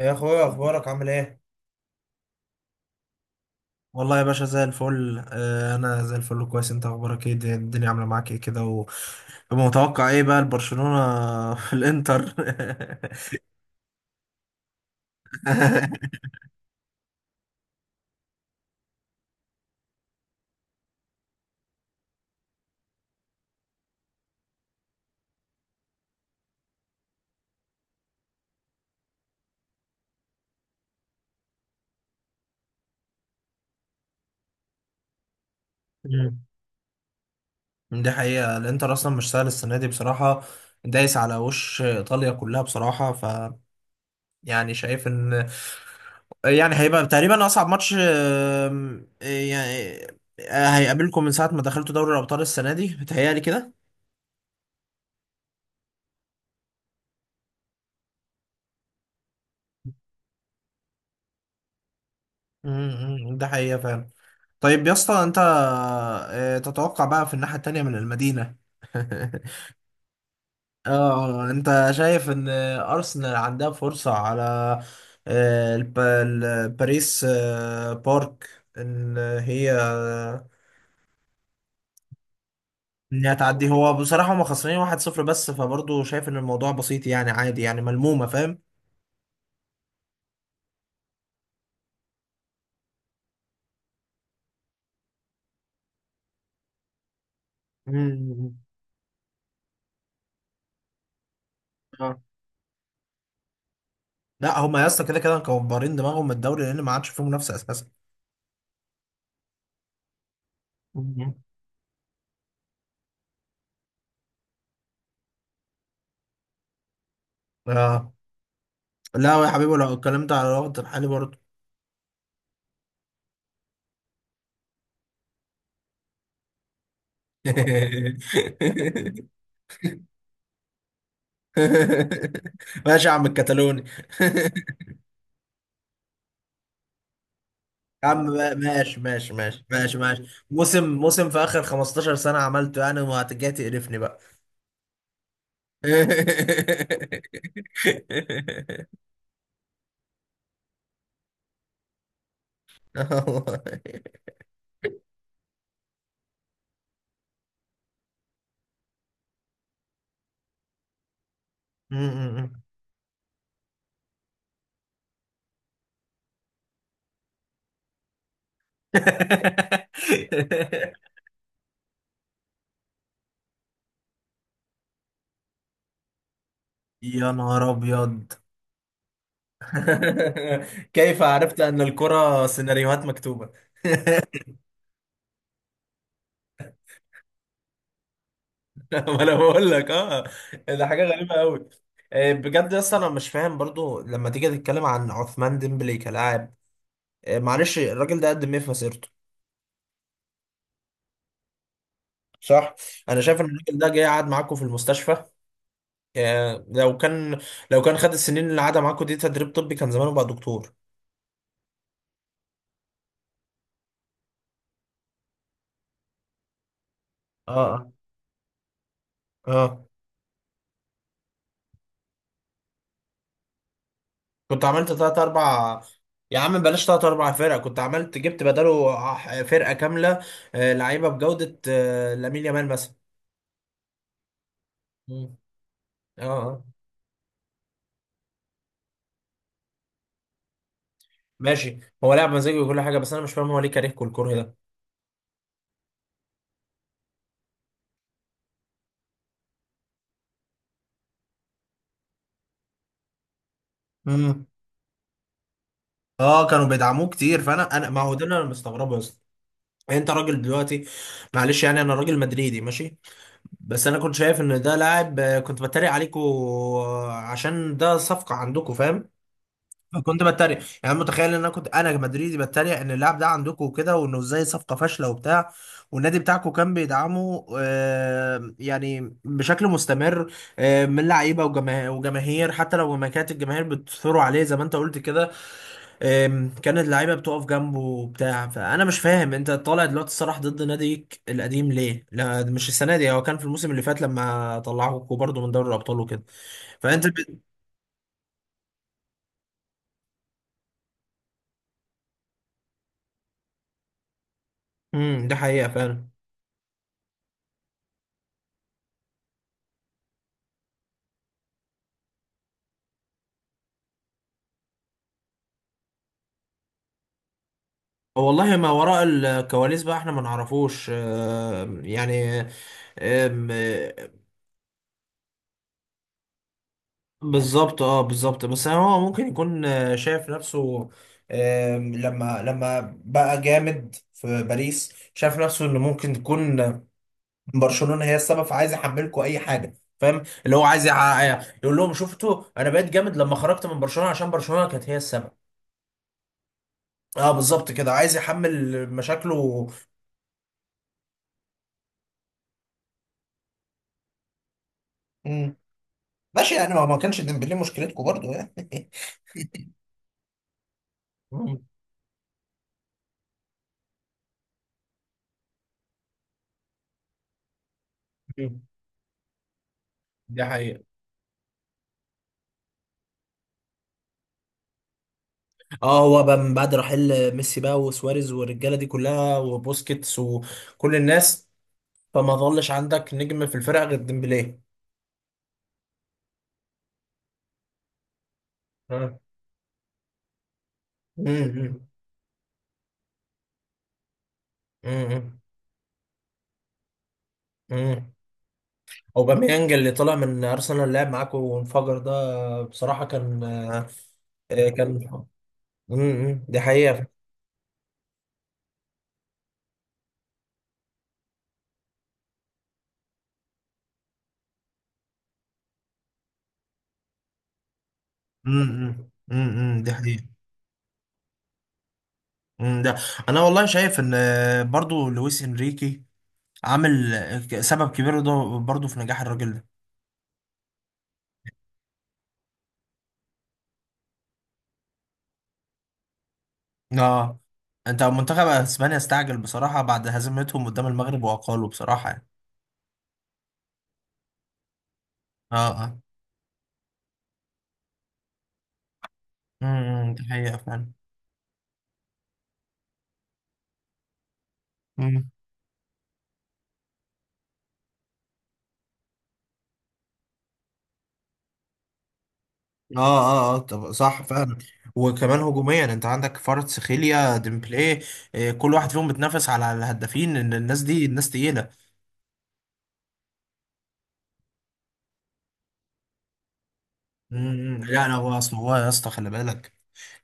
يا اخويا اخبارك عامل ايه؟ والله يا باشا زي الفل، انا زي الفل كويس. انت اخبارك ايه؟ الدنيا الدنيا عامله معاك ايه كده ومتوقع ايه بقى البرشلونه في الانتر؟ مم. دي حقيقه، الانتر اصلا مش سهل السنه دي بصراحه، دايس على وش ايطاليا كلها بصراحه. ف يعني شايف ان يعني هيبقى تقريبا اصعب ماتش، يعني هيقابلكم من ساعه ما دخلتوا دوري الابطال السنه دي، بتهيألي كده. مم. مم. ده حقيقه فعلا. طيب يا اسطى انت تتوقع بقى في الناحية التانية من المدينة؟ اه، انت شايف ان ارسنال عندها فرصة على باريس بارك، ان هي انها تعدي. هو بصراحة هم خسرانين 1-0 بس، فبرضه شايف ان الموضوع بسيط، يعني عادي، يعني ملمومة، فاهم. مم. اه، لا، هم يا اسطى كده كده مكبرين دماغهم من الدوري لان ما عادش فيه منافسة اساسا. مم. اه، لا يا حبيبي، لو اتكلمت على الوقت الحالي برضه. ماشي يا عم الكتالوني. يا عم، ماشي ماشي ماشي ماشي ماشي. موسم موسم في اخر 15 سنة عملته، يعني وهتجي تقرفني بقى؟ والله. م- م- م. يا نهار ابيض! كيف عرفت ان الكرة سيناريوهات مكتوبة؟ ما انا بقول لك، اه. ده حاجه غريبه قوي. بجد يا اسطى انا مش فاهم برضو لما تيجي تتكلم عن عثمان ديمبلي كلاعب، معلش الراجل ده قدم ايه في مسيرته؟ صح. انا شايف ان الراجل ده جاي قعد معاكم في المستشفى. آه، لو كان لو كان خد السنين اللي قعدها معاكم دي تدريب طبي كان زمانه بقى دكتور. اه، اه، اه، كنت عملت تلات اربع. يا عم بلاش تلات اربع فرق، كنت عملت جبت بداله فرقه كامله، لعيبه بجوده، لامين يامال مثلا. مم. اه، اه، ماشي. هو لعب مزاجي وكل حاجه، بس انا مش فاهم هو ليه كارهكم الكره ده؟ امم اه، كانوا بيدعموه كتير، فانا ما هو ده اللي انا مستغربه اصلا. انت راجل دلوقتي، معلش يعني انا راجل مدريدي ماشي. بس انا كنت شايف ان ده لاعب، كنت بتريق عليكم عشان ده صفقه عندكم، فاهم. فكنت بتريق يعني، أنا متخيل ان انا كنت انا مدريدي بتريق ان اللاعب ده عندكم وكده، وانه ازاي صفقه فاشله وبتاع. والنادي بتاعكم كان بيدعمه يعني بشكل مستمر، من لعيبه وجماهير، حتى لو ما كانت الجماهير بتثور عليه زي ما انت قلت كده. كانت اللعيبه بتقف جنبه وبتاع، فانا مش فاهم انت طالع دلوقتي الصراح ضد ناديك القديم ليه؟ لا مش السنه دي، هو كان في الموسم اللي فات لما طلعوكوا برضه من دوري الابطال وكده. فانت ده حقيقه فعلا. والله ما وراء الكواليس بقى احنا ما نعرفوش، يعني. آم، آه، بالظبط، اه، بالظبط، بس هو ممكن يكون شايف نفسه. لما بقى جامد في باريس شايف نفسه انه ممكن تكون برشلونة هي السبب، فعايز يحملكوا اي حاجة. فاهم اللي هو عايز يقول لهم: شفتوا، انا بقيت جامد لما خرجت من برشلونة عشان برشلونة كانت هي السبب. اه، بالظبط كده، عايز يحمل مشاكله. مم. ماشي، يعني ما كانش ديمبلي مشكلتكم برضو، يعني. مم. دي حقيقة. اه، هو بقى من بعد رحيل ميسي بقى وسواريز والرجاله دي كلها وبوسكيتس وكل الناس، فما ظلش عندك نجم في الفرقه غير ديمبلي. آه. امم امم امم اوباميانج اللي طلع من ارسنال لعب معاكم وانفجر، ده بصراحه كان آه، كان دي حقيقه. دي حقيقة. ده انا والله شايف ان برضو لويس انريكي عامل سبب كبير ده برضه في نجاح الراجل ده. اه، انت منتخب اسبانيا استعجل بصراحة بعد هزيمتهم قدام المغرب وأقالوا، بصراحة يعني. اه، اه، دي حقيقة فعلا. مم. اه، اه، اه، طب صح فعلا. وكمان هجوميا، انت عندك فرد سخيليا ديمبلي، كل واحد فيهم بتنافس على الهدافين ان الناس دي الناس تقيلة. مم. لا، انا هو اصل، هو يا اسطى خلي بالك،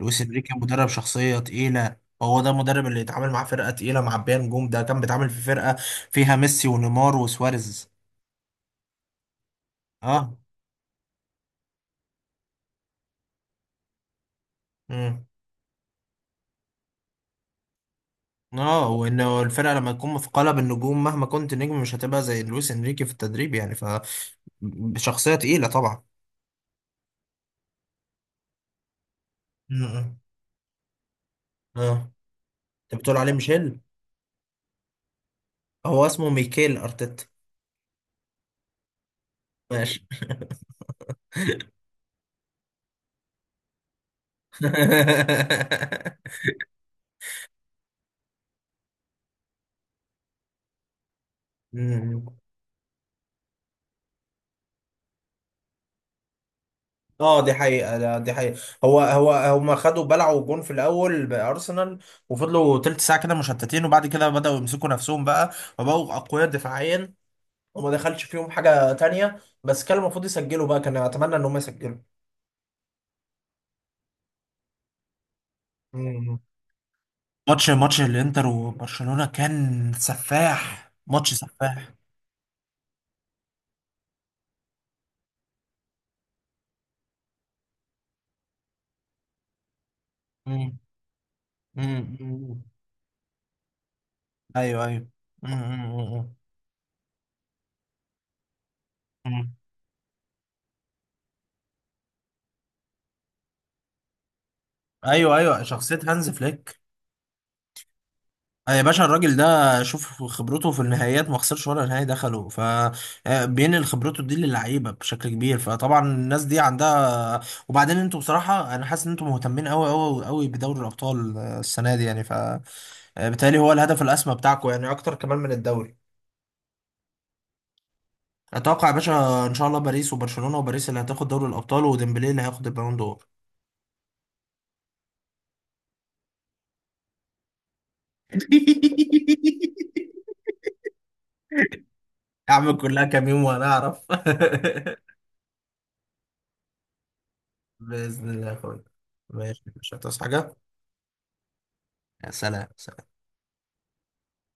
لويس انريكي مدرب شخصيه تقيله، هو ده المدرب اللي يتعامل معاه فرقه تقيله معبيه نجوم، ده كان بيتعامل في فرقه فيها ميسي ونيمار وسواريز. اه، امم اه، وانه الفرقه لما تكون مثقله بالنجوم مهما كنت نجم مش هتبقى زي لويس انريكي في التدريب، يعني فشخصيه تقيله طبعا. امم اه، انت بتقول عليه ميشيل؟ هو اسمه ميكيل ارتيتا. ماشي. مم. اه، دي حقيقة. لا، دي حقيقة. هو هو هما خدوا بلعوا جون في الأول بأرسنال، وفضلوا تلت ساعة كده مشتتين وبعد كده بدأوا يمسكوا نفسهم بقى، وبقوا أقوياء دفاعيا، وما دخلش فيهم حاجة تانية، بس كان المفروض يسجلوا بقى، كان أتمنى إن هم يسجلوا. مم. ماتش الانتر وبرشلونة كان سفاح، ماتش سفاح. مم. مم. مم. ايوه، ايوه. مم. مم. مم. مم. ايوه، ايوه، شخصية هانز فليك، يا باشا الراجل ده، شوف خبرته في النهائيات، ما خسرش ولا نهائي دخله فبينقل خبرته دي للعيبه بشكل كبير، فطبعا الناس دي عندها. وبعدين انتوا، بصراحه انا حاسس ان انتوا مهتمين قوي قوي قوي بدوري الابطال السنه دي يعني، فبالتالي هو الهدف الاسمى بتاعكم يعني اكتر كمان من الدوري. اتوقع يا باشا ان شاء الله باريس وبرشلونه، وباريس اللي هتاخد دوري الابطال وديمبلي اللي هياخد البالون دور. اعمل كلها كام يوم وانا اعرف. باذن الله يا اخويا. ماشي مش هتصحى حاجه. يا سلام سلام.